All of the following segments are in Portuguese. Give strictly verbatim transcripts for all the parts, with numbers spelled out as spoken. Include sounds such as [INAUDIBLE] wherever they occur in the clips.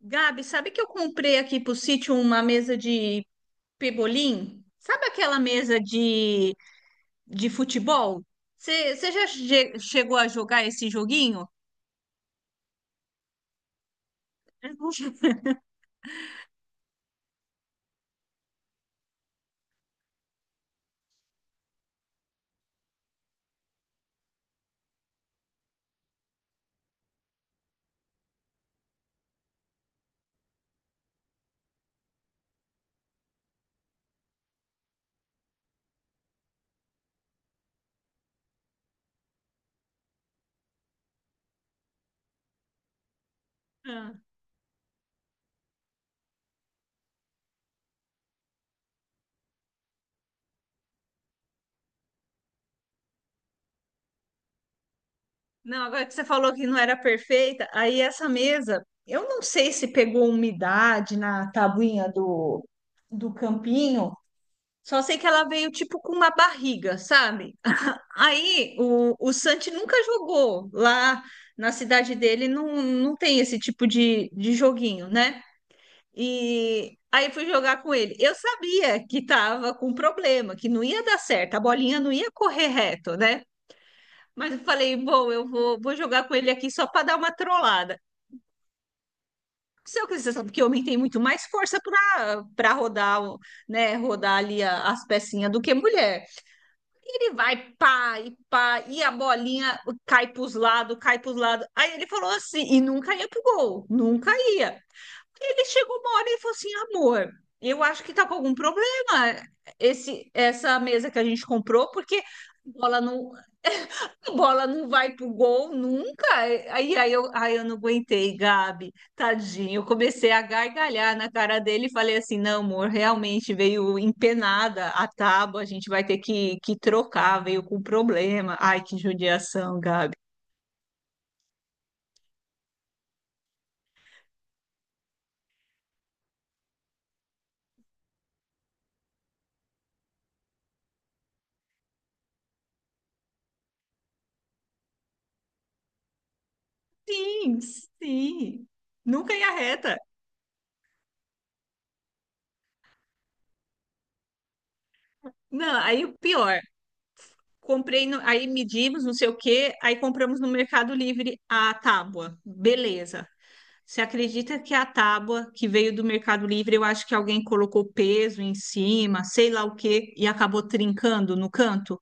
Gabi, sabe que eu comprei aqui pro sítio uma mesa de pebolim? Sabe aquela mesa de, de futebol? Você já che- chegou a jogar esse joguinho? [LAUGHS] Ah. Não, agora que você falou que não era perfeita, aí essa mesa, eu não sei se pegou umidade na tabuinha do, do campinho, só sei que ela veio tipo com uma barriga, sabe? Aí o, o Santi nunca jogou. Lá na cidade dele não, não tem esse tipo de, de joguinho, né? E aí fui jogar com ele. Eu sabia que tava com problema, que não ia dar certo, a bolinha não ia correr reto, né? Mas eu falei, bom, eu vou, vou jogar com ele aqui só para dar uma trollada. Só que você sabe que homem tem muito mais força para para rodar, o- né, rodar ali a- as pecinhas do que mulher. Ele vai pá e pá, e a bolinha cai pros lados, cai pros lados. Aí ele falou assim, e nunca ia pro gol, nunca ia. Ele chegou uma hora e falou assim, amor, eu acho que tá com algum problema esse, essa mesa que a gente comprou, porque a bola não a bola não vai pro gol nunca. Aí, aí, eu, aí eu não aguentei, Gabi, tadinho. Eu comecei a gargalhar na cara dele e falei assim: não, amor, realmente veio empenada a tábua, a gente vai ter que, que trocar, veio com problema. Ai, que judiação, Gabi. Sim, sim. Nunca ia reta. Não, aí o pior. Comprei, no- aí medimos, não sei o quê, aí compramos no Mercado Livre a tábua. Beleza. Você acredita que a tábua que veio do Mercado Livre, eu acho que alguém colocou peso em cima, sei lá o quê, e acabou trincando no canto?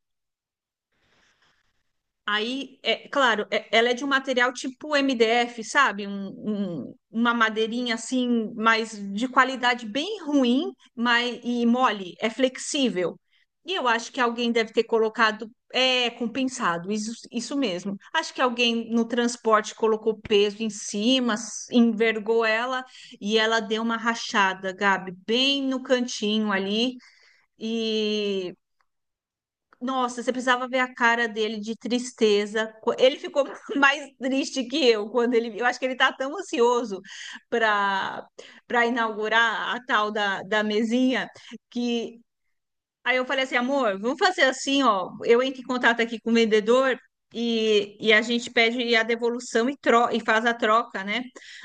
Aí, é claro, é- ela é de um material tipo M D F, sabe? Um- um- uma madeirinha assim, mas de qualidade bem ruim, mas e mole, é flexível. E eu acho que alguém deve ter colocado, é compensado, isso, isso mesmo. Acho que alguém no transporte colocou peso em cima, s- envergou ela e ela deu uma rachada, Gabi, bem no cantinho ali. E nossa, você precisava ver a cara dele de tristeza. Co- Ele ficou [LAUGHS] mais triste que eu quando ele. Eu acho que ele tá tão ansioso para para inaugurar a tal da, da mesinha que aí eu falei assim, amor, vamos fazer assim, ó. Eu entro em contato aqui com o vendedor e, e a gente pede a devolução e, tro e faz a troca, né?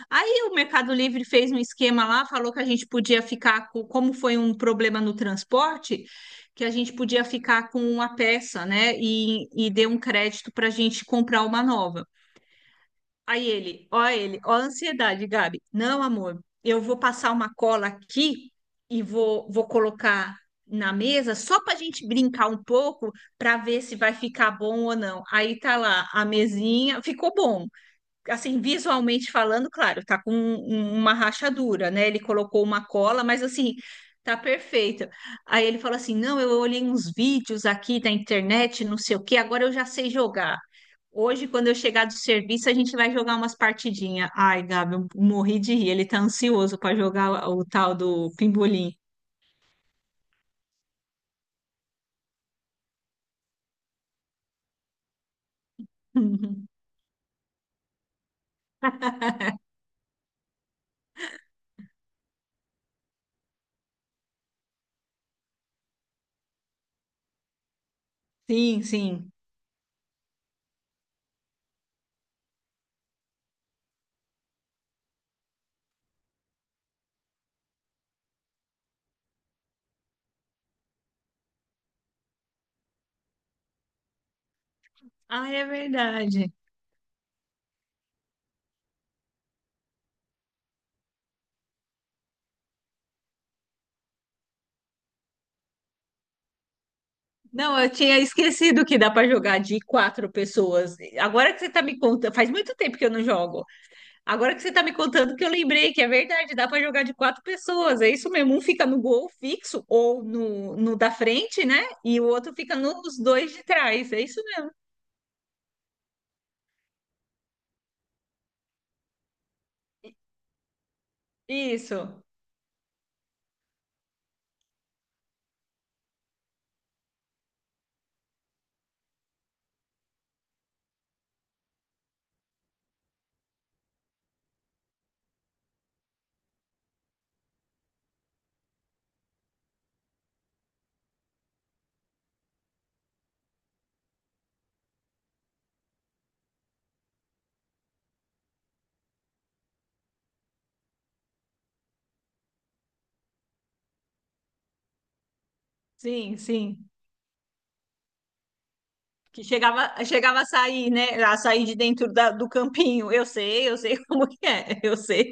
Aí o Mercado Livre fez um esquema lá, falou que a gente podia ficar com, como foi um problema no transporte, que a gente podia ficar com uma peça, né? E, e deu um crédito para a gente comprar uma nova. Aí ele, ó ele, ó a ansiedade, Gabi. Não, amor, eu vou passar uma cola aqui e vou, vou colocar na mesa só para a gente brincar um pouco para ver se vai ficar bom ou não. Aí tá lá a mesinha, ficou bom assim, visualmente falando, claro, tá com um- um, uma rachadura, né? Ele colocou uma cola, mas assim, tá perfeito. Aí ele falou assim: não, eu olhei uns vídeos aqui da internet, não sei o quê, agora eu já sei jogar. Hoje, quando eu chegar do serviço, a gente vai jogar umas partidinhas. Ai, Gabi, eu morri de rir. Ele tá ansioso para jogar o o tal do pimbolim. [LAUGHS] Sim, sim. Ah, é verdade. Não, eu tinha esquecido que dá para jogar de quatro pessoas. Agora que você tá me contando, faz muito tempo que eu não jogo. Agora que você tá me contando que eu lembrei que é verdade, dá para jogar de quatro pessoas. É isso mesmo, um fica no gol fixo ou no, no da frente, né? E o outro fica nos dois de trás. É isso mesmo. Isso. Sim, sim. Que chegava, chegava a sair, né? A sair de dentro da- do campinho. Eu sei, eu sei [LAUGHS] como que é. Eu sei.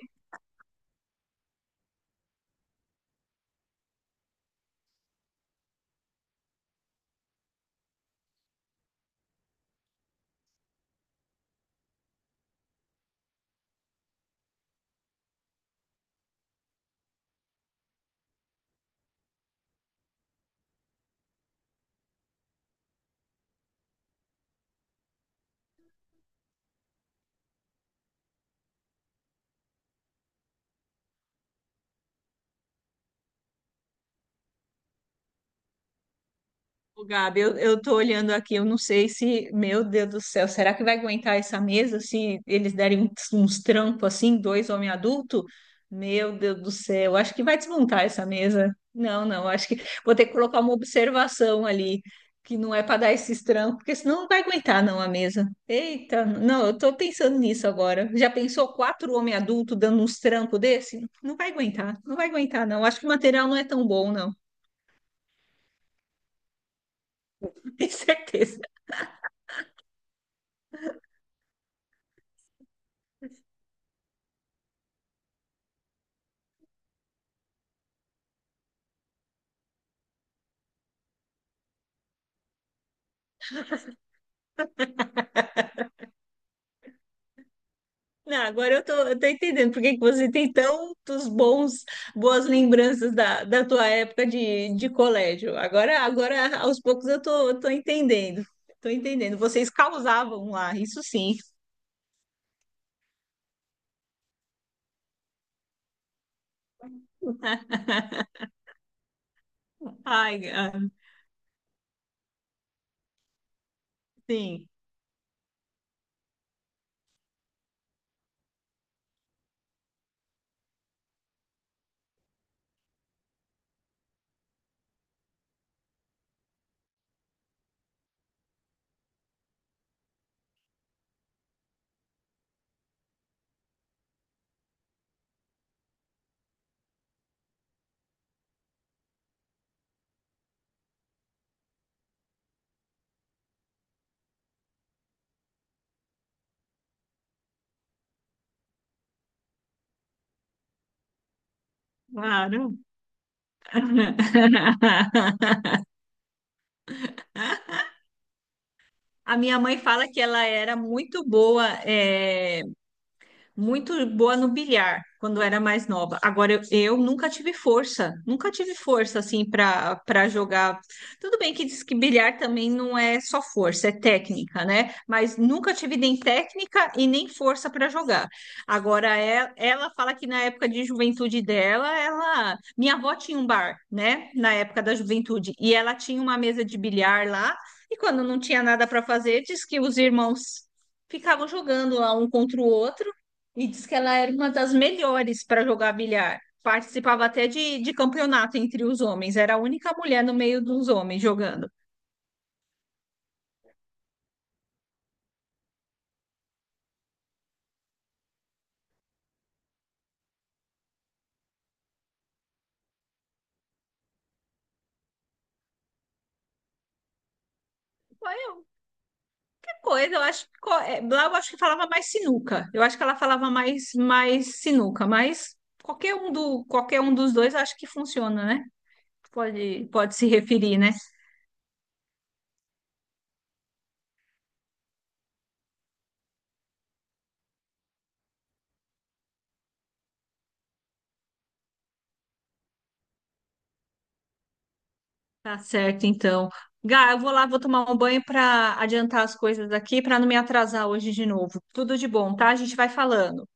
Ô, Gabi, eu, eu tô olhando aqui, eu não sei se, meu Deus do céu, será que vai aguentar essa mesa se eles derem uns, uns trampos assim, dois homens adultos? Meu Deus do céu, acho que vai desmontar essa mesa. Não, não, acho que vou ter que colocar uma observação ali, que não é para dar esses trampos, porque senão não vai aguentar não a mesa. Eita, não, eu tô pensando nisso agora. Já pensou quatro homens adultos dando uns trampos desse? Não vai aguentar, não vai aguentar não. Acho que o material não é tão bom, não. [LAUGHS] Tenho certeza. Não, agora eu tô, eu tô entendendo por que que você tem tantos bons, boas lembranças da, da tua época de, de colégio. Agora, agora, aos poucos, eu tô, eu tô entendendo. Tô entendendo. Vocês causavam lá, isso sim. [LAUGHS] Ai, ah, sim, claro. [LAUGHS] A minha mãe fala que ela era muito boa, eh, muito boa no bilhar quando era mais nova. Agora eu, eu nunca tive força, nunca tive força assim para para jogar. Tudo bem que diz que bilhar também não é só força, é técnica, né? Mas nunca tive nem técnica e nem força para jogar. Agora é- ela fala que na época de juventude dela, ela, minha avó tinha um bar, né? Na época da juventude e ela tinha uma mesa de bilhar lá. E quando não tinha nada para fazer, diz que os irmãos ficavam jogando lá um contra o outro e diz que ela era uma das melhores para jogar bilhar. Participava até de, de campeonato entre os homens. Era a única mulher no meio dos homens jogando. Foi outra coisa, eu acho que co- é, Lá eu acho que falava mais sinuca. Eu acho que ela falava mais mais sinuca, mas qualquer um do qualquer um dos dois acho que funciona, né? Pode pode se referir, né? Tá certo, então. Gá, eu vou lá, vou tomar um banho para adiantar as coisas aqui, para não me atrasar hoje de novo. Tudo de bom, tá? A gente vai falando.